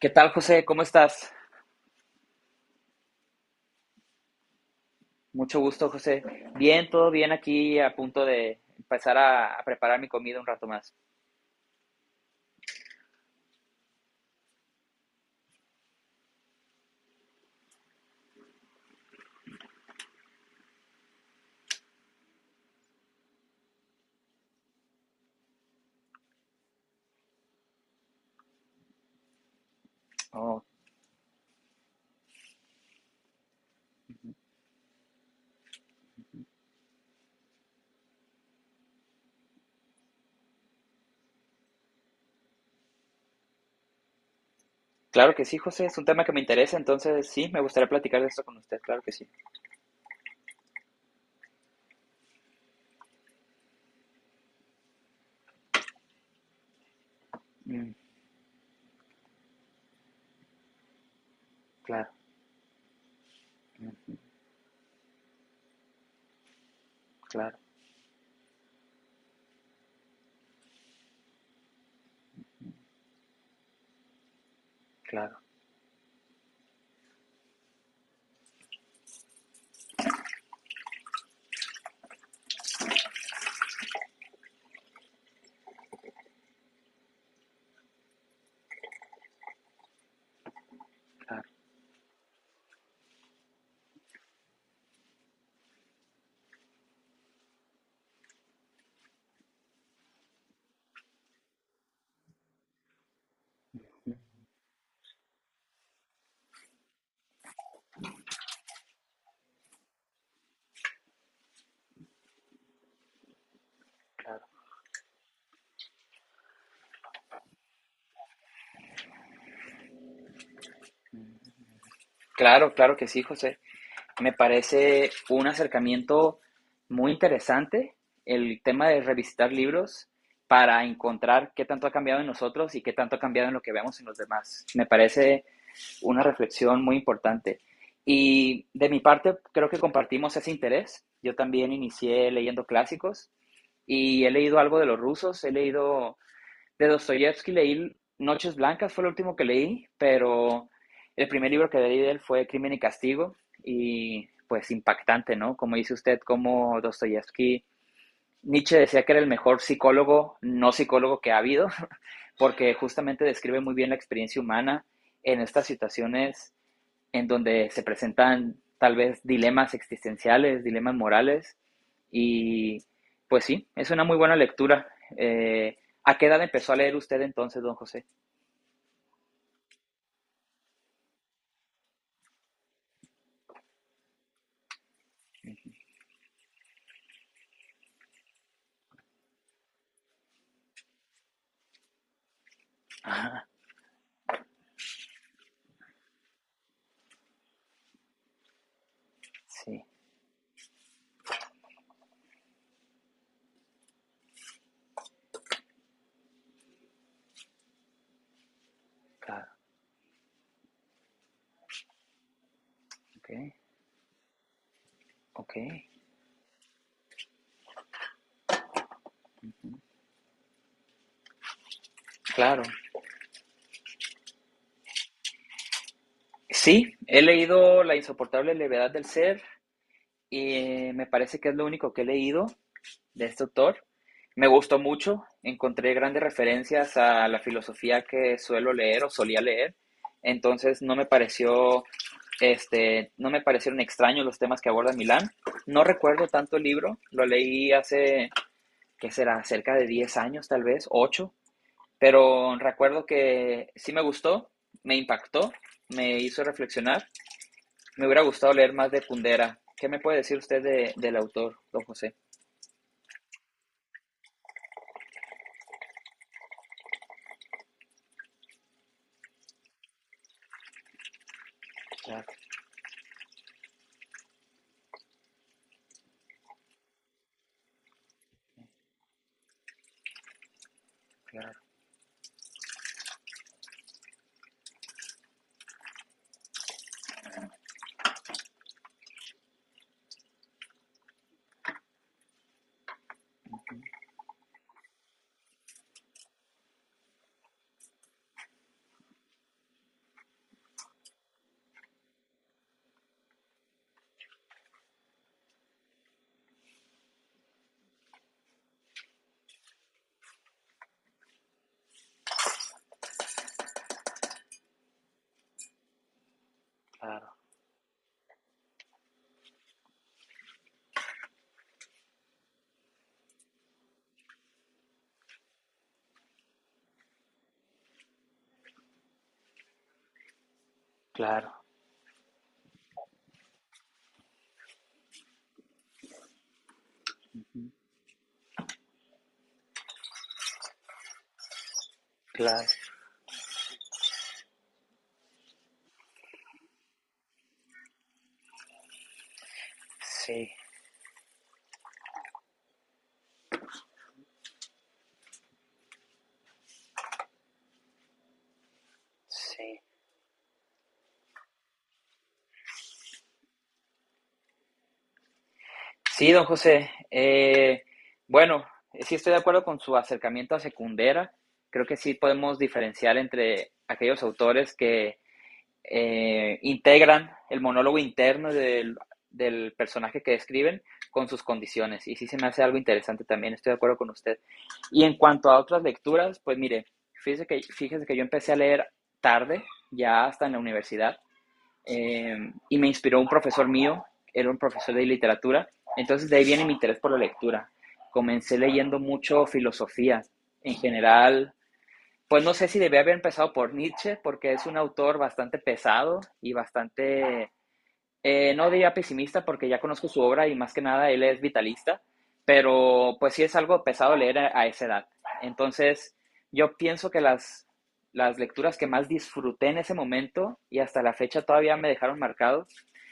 ¿Qué tal, José? ¿Cómo estás? Mucho gusto, José. Bien, todo bien aquí, a punto de empezar a preparar mi comida un rato más. Oh, claro que sí, José, es un tema que me interesa, entonces sí, me gustaría platicar de esto con usted, claro que sí. Mm, claro, mm, claro, claro, claro, mm, claro. Mm. Claro, claro que sí, José. Me parece un acercamiento muy interesante, el tema de revisitar libros para encontrar qué tanto ha cambiado en nosotros y qué tanto ha cambiado en lo que vemos en los demás. Me parece una reflexión muy importante. Y de mi parte, creo que compartimos ese interés. Yo también inicié leyendo clásicos y he leído algo de los rusos, he leído de Dostoyevsky, leí Noches Blancas, fue lo último que leí, pero el primer libro que leí de él fue Crimen y Castigo y pues impactante, ¿no? Como dice usted, como Dostoyevsky, Nietzsche decía que era el mejor psicólogo, no psicólogo que ha habido, porque justamente describe muy bien la experiencia humana en estas situaciones en donde se presentan tal vez dilemas existenciales, dilemas morales, y pues sí, es una muy buena lectura. Eh, ¿A qué edad empezó a leer usted entonces, don José? Ah, sí, claro, ok, ok, claro. Sí, he leído La insoportable levedad del ser y me parece que es lo único que he leído de este autor. Me gustó mucho, encontré grandes referencias a la filosofía que suelo leer o solía leer, entonces no me pareció este, no me parecieron extraños los temas que aborda Milán. No recuerdo tanto el libro, lo leí hace, que será, cerca de 10 años tal vez, 8, pero recuerdo que sí me gustó, me impactó, me hizo reflexionar. Me hubiera gustado leer más de Kundera. ¿Qué me puede decir usted del autor, don José? Claro, claro, claro. Claro, claro, sí, sí. Sí, don José, bueno, sí estoy de acuerdo con su acercamiento a Secundera. Creo que sí podemos diferenciar entre aquellos autores que integran el monólogo interno del personaje que describen con sus condiciones. Y sí se me hace algo interesante también, estoy de acuerdo con usted. Y en cuanto a otras lecturas, pues mire, fíjese que yo empecé a leer tarde, ya hasta en la universidad, y me inspiró un profesor mío, era un profesor de literatura, entonces de ahí viene mi interés por la lectura. Comencé leyendo mucho filosofía en general, pues no sé si debía haber empezado por Nietzsche, porque es un autor bastante pesado y bastante no diría pesimista porque ya conozco su obra y más que nada él es vitalista, pero pues sí es algo pesado leer a esa edad. Entonces, yo pienso que las lecturas que más disfruté en ese momento y hasta la fecha todavía me dejaron marcado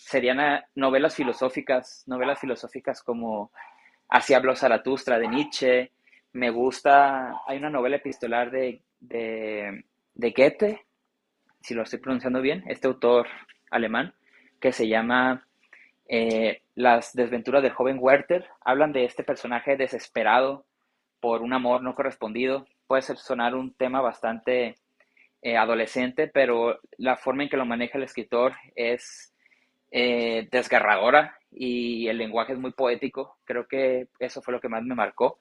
serían a, novelas filosóficas como Así habló Zaratustra de Nietzsche, me gusta, hay una novela epistolar de Goethe, si lo estoy pronunciando bien, este autor alemán, que se llama las desventuras del joven Werther hablan de este personaje desesperado por un amor no correspondido. Puede sonar un tema bastante adolescente, pero la forma en que lo maneja el escritor es desgarradora y el lenguaje es muy poético. Creo que eso fue lo que más me marcó.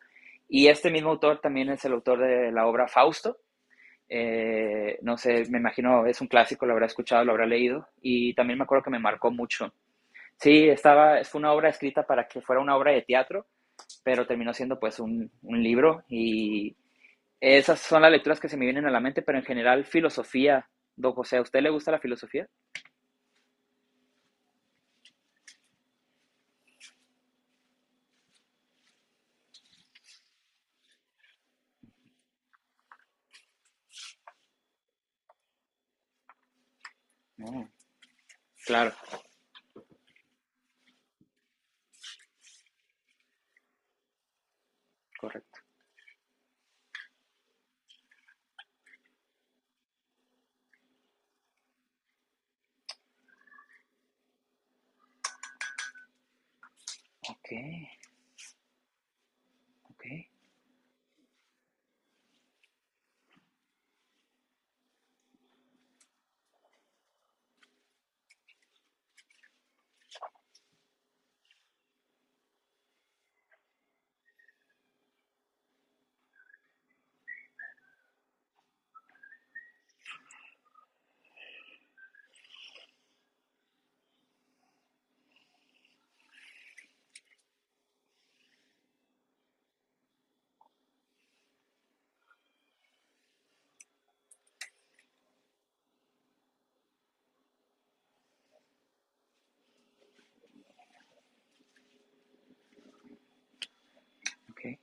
Y este mismo autor también es el autor de la obra Fausto. No sé, me imagino es un clásico, lo habrá escuchado, lo habrá leído. Y también me acuerdo que me marcó mucho. Sí, estaba, fue una obra escrita para que fuera una obra de teatro, pero terminó siendo pues un libro y esas son las lecturas que se me vienen a la mente, pero en general filosofía, don José, ¿a usted le gusta la filosofía? No, claro, correcto. Ok, ok, ok,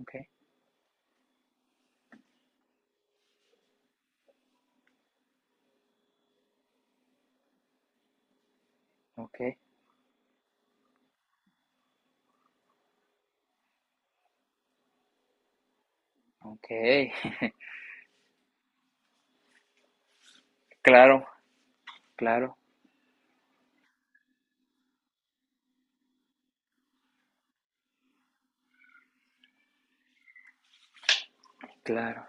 ok, ok, ok, claro, claro, claro,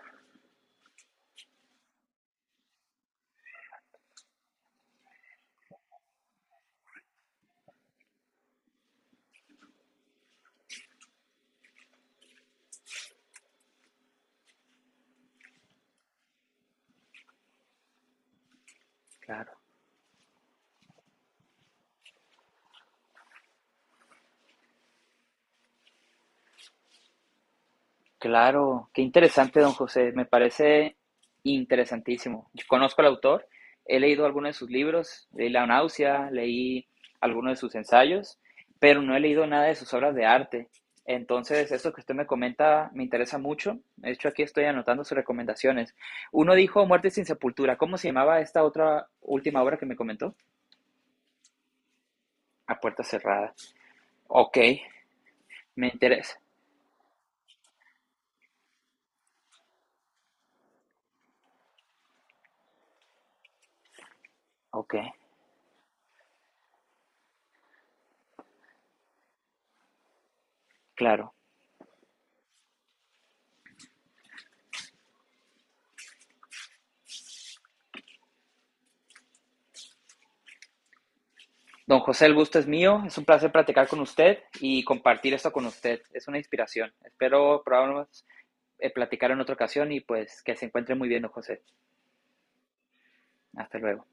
claro. Claro, qué interesante, don José. Me parece interesantísimo. Yo conozco al autor, he leído algunos de sus libros, leí La náusea, leí algunos de sus ensayos, pero no he leído nada de sus obras de arte. Entonces, eso que usted me comenta me interesa mucho. De hecho, aquí estoy anotando sus recomendaciones. Uno dijo Muerte sin sepultura. ¿Cómo se llamaba esta otra última obra que me comentó? A puerta cerrada. Ok, me interesa. Ok, claro. Don José, el gusto es mío. Es un placer platicar con usted y compartir esto con usted. Es una inspiración. Espero probablemente platicar en otra ocasión y pues que se encuentre muy bien, don José. Hasta luego.